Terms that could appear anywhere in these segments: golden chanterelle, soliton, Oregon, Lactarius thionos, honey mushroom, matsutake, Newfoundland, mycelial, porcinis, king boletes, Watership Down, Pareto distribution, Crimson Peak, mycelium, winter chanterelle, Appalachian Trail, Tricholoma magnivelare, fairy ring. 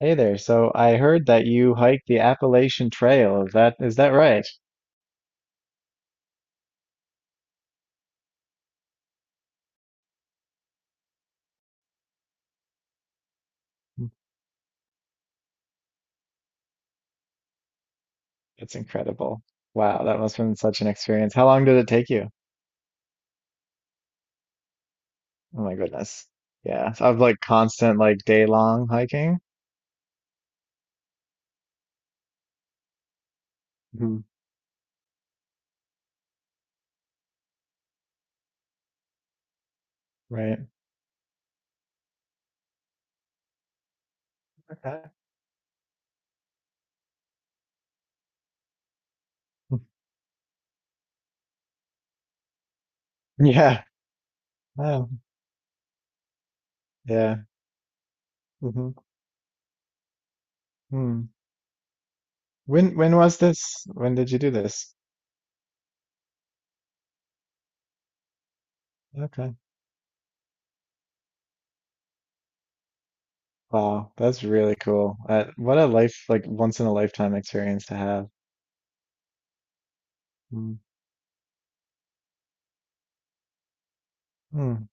Hey there. So I heard that you hiked the Appalachian Trail. Is that right? Mm. That's incredible. Wow, that must have been such an experience. How long did it take you? Oh my goodness. Yeah, so I've like constant like day long hiking. Hmm. Right. Okay. Yeah. Oh, yeah. Hmm. Hmm. When was this? When did you do this? Okay. Wow, that's really cool. What a life like once in a lifetime experience to have. Mm. Mm.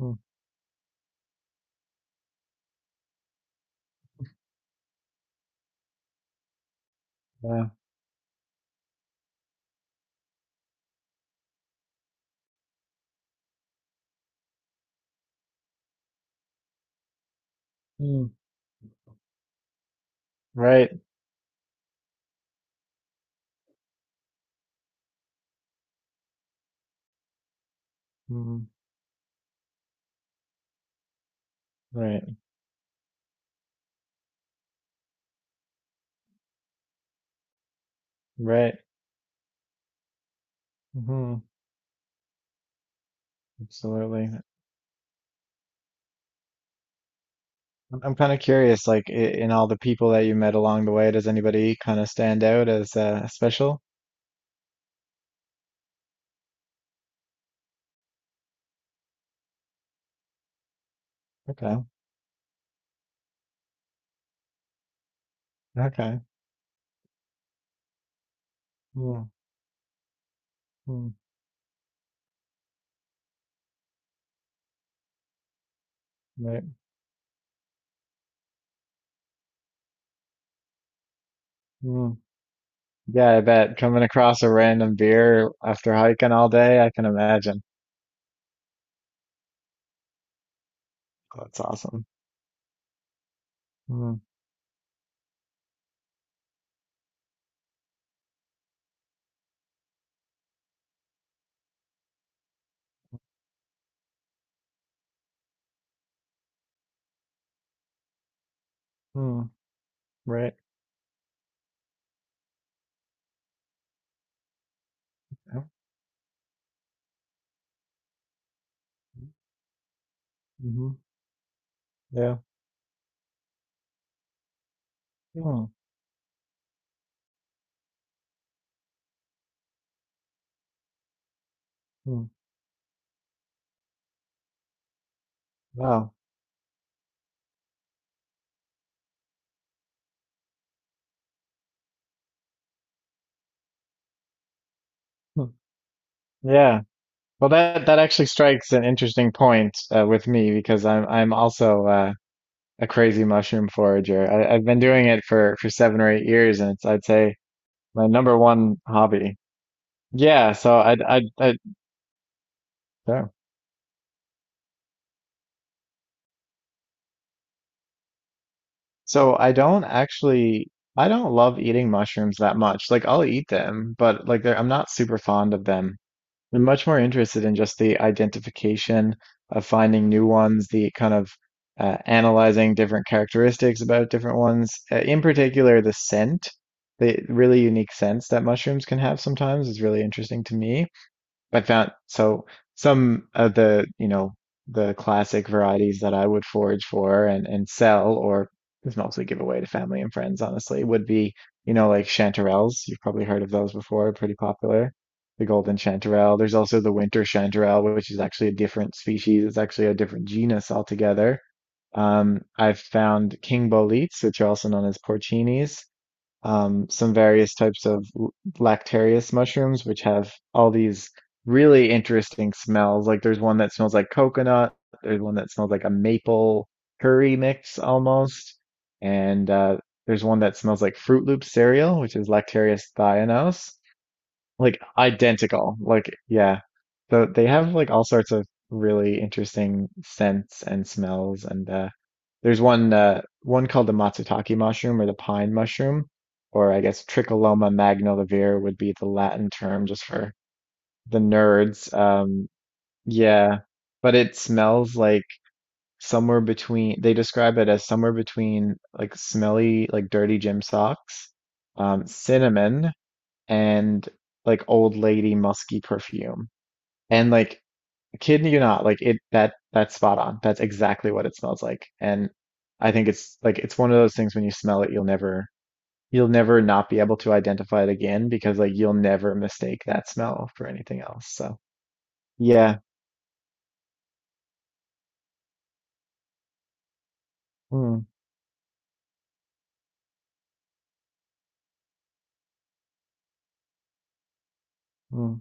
Mm. Yeah. Mm. Right. Hmm. Right, right. Hmm. Absolutely. I'm kind of curious, like in all the people that you met along the way, does anybody kind of stand out as special? Okay, okay. Mm-hmm. Right. Mm. Yeah, I bet coming across a random beer after hiking all day, I can imagine. Oh, that's awesome. Mm-hmm. Right. Yep. Mm-hmm. Yeah. Mm. Mm. Wow. Hmm. Yeah. Well, that actually strikes an interesting point with me because I'm also a crazy mushroom forager. I've been doing it for 7 or 8 years, and it's I'd say my number one hobby. Yeah, so I sure. So I don't actually, I don't love eating mushrooms that much. Like I'll eat them, but like they're, I'm not super fond of them. I'm much more interested in just the identification of finding new ones, the kind of analyzing different characteristics about different ones, in particular the scent, the really unique scents that mushrooms can have sometimes is really interesting to me. I found some of the, you know, the classic varieties that I would forage for and sell or just mostly give away to family and friends, honestly, would be, you know, like chanterelles. You've probably heard of those before, pretty popular. The golden chanterelle. There's also the winter chanterelle, which is actually a different species. It's actually a different genus altogether. I've found king boletes, which are also known as porcinis, some various types of lactarius mushrooms, which have all these really interesting smells. Like there's one that smells like coconut, there's one that smells like a maple curry mix almost, and there's one that smells like Fruit Loop cereal, which is Lactarius thionos, like identical. Like yeah. So they have like all sorts of really interesting scents and smells, and there's one one called the matsutake mushroom or the pine mushroom, or I guess Tricholoma magnivelare would be the Latin term just for the nerds. Yeah, but it smells like somewhere between they describe it as somewhere between like smelly, like dirty gym socks, cinnamon, and like old lady musky perfume. And like, kidding you not, like it that that's spot on. That's exactly what it smells like. And I think it's like it's one of those things when you smell it, you'll never not be able to identify it again, because like you'll never mistake that smell for anything else. So yeah. Mm. Mm.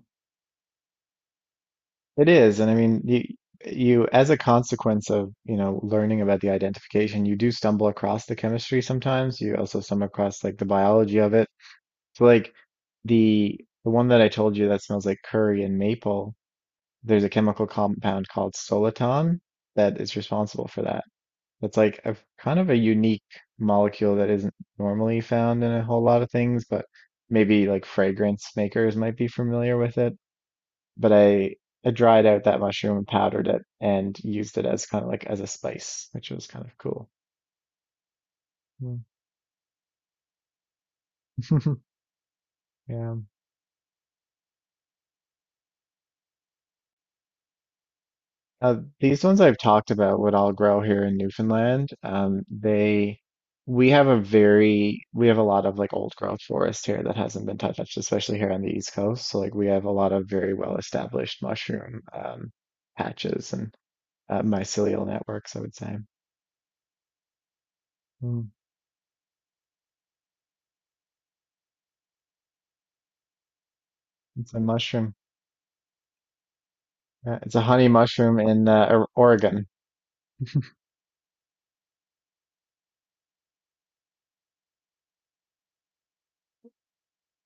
It is. And I mean, you as a consequence of, you know, learning about the identification, you do stumble across the chemistry sometimes. You also stumble across like the biology of it. So like the one that I told you that smells like curry and maple, there's a chemical compound called soliton that is responsible for that. That's like a kind of a unique molecule that isn't normally found in a whole lot of things, but maybe like fragrance makers might be familiar with it. But I dried out that mushroom and powdered it and used it as kind of like as a spice, which was kind of cool. Mm. Yeah. These ones I've talked about would all grow here in Newfoundland. We have a very, we have a lot of like old growth forest here that hasn't been touched, especially here on the East Coast. So like we have a lot of very well established mushroom, patches and mycelial networks, I would say. Mm, it's a mushroom. It's a honey mushroom in Oregon.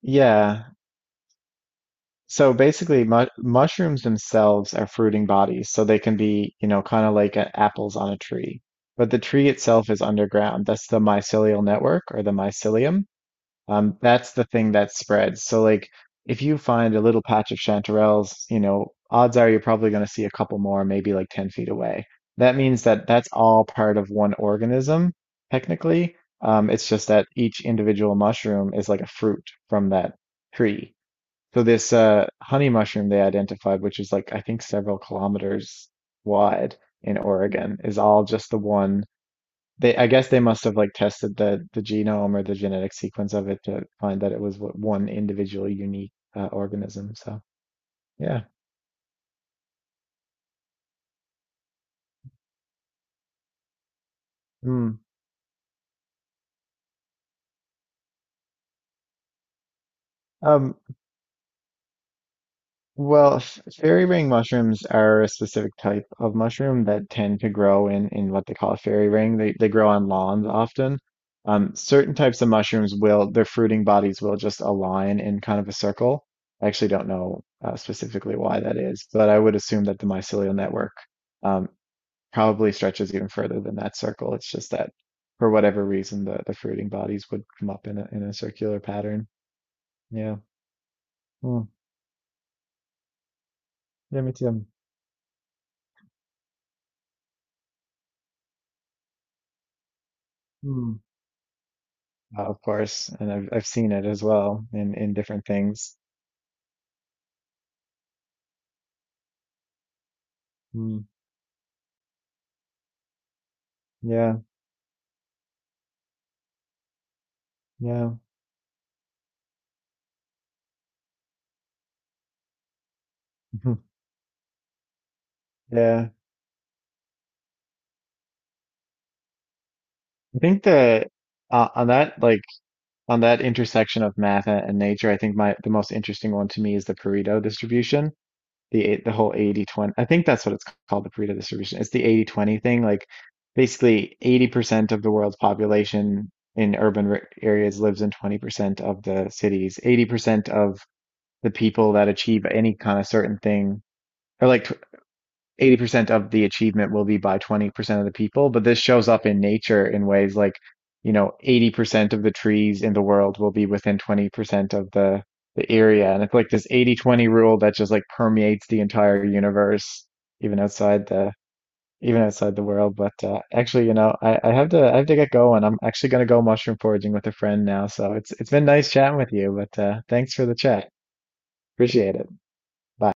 Yeah, so basically, mu mushrooms themselves are fruiting bodies, so they can be, you know, kind of like apples on a tree. But the tree itself is underground. That's the mycelial network or the mycelium. That's the thing that spreads. So like, if you find a little patch of chanterelles, you know, odds are you're probably going to see a couple more, maybe like 10 feet away. That means that that's all part of one organism, technically. It's just that each individual mushroom is like a fruit from that tree. So this honey mushroom they identified, which is like I think several kilometers wide in Oregon, is all just the one. They I guess they must have like tested the genome or the genetic sequence of it to find that it was what one individual unique organism. So yeah. Mm. Um, Well, fairy ring mushrooms are a specific type of mushroom that tend to grow in what they call a fairy ring. They grow on lawns often. Certain types of mushrooms will, their fruiting bodies will just align in kind of a circle. I actually don't know specifically why that is, but I would assume that the mycelial network um, probably stretches even further than that circle. It's just that for whatever reason the fruiting bodies would come up in a circular pattern. Yeah. Hmm. Yeah, me too. Hmm. Of course, and I've seen it as well in different things. Mm, yeah, yeah, mhm, yeah. I think the on that like on that intersection of and nature, I think my the most interesting one to me is the Pareto distribution, the whole 80/20, I think that's what it's called, the Pareto distribution. It's the 80/20 thing. Like basically 80% of the world's population in urban r areas lives in 20% of the cities. 80% of the people that achieve any kind of certain thing, or like 80% of the achievement will be by 20% of the people, but this shows up in nature in ways like, you know, 80% of the trees in the world will be within 20% of the area. And it's like this 80-20 rule that just like permeates the entire universe, even outside the even outside the world. But actually, you know, I have to get going. I'm actually gonna go mushroom foraging with a friend now. So it's been nice chatting with you, but thanks for the chat. Appreciate it. Bye.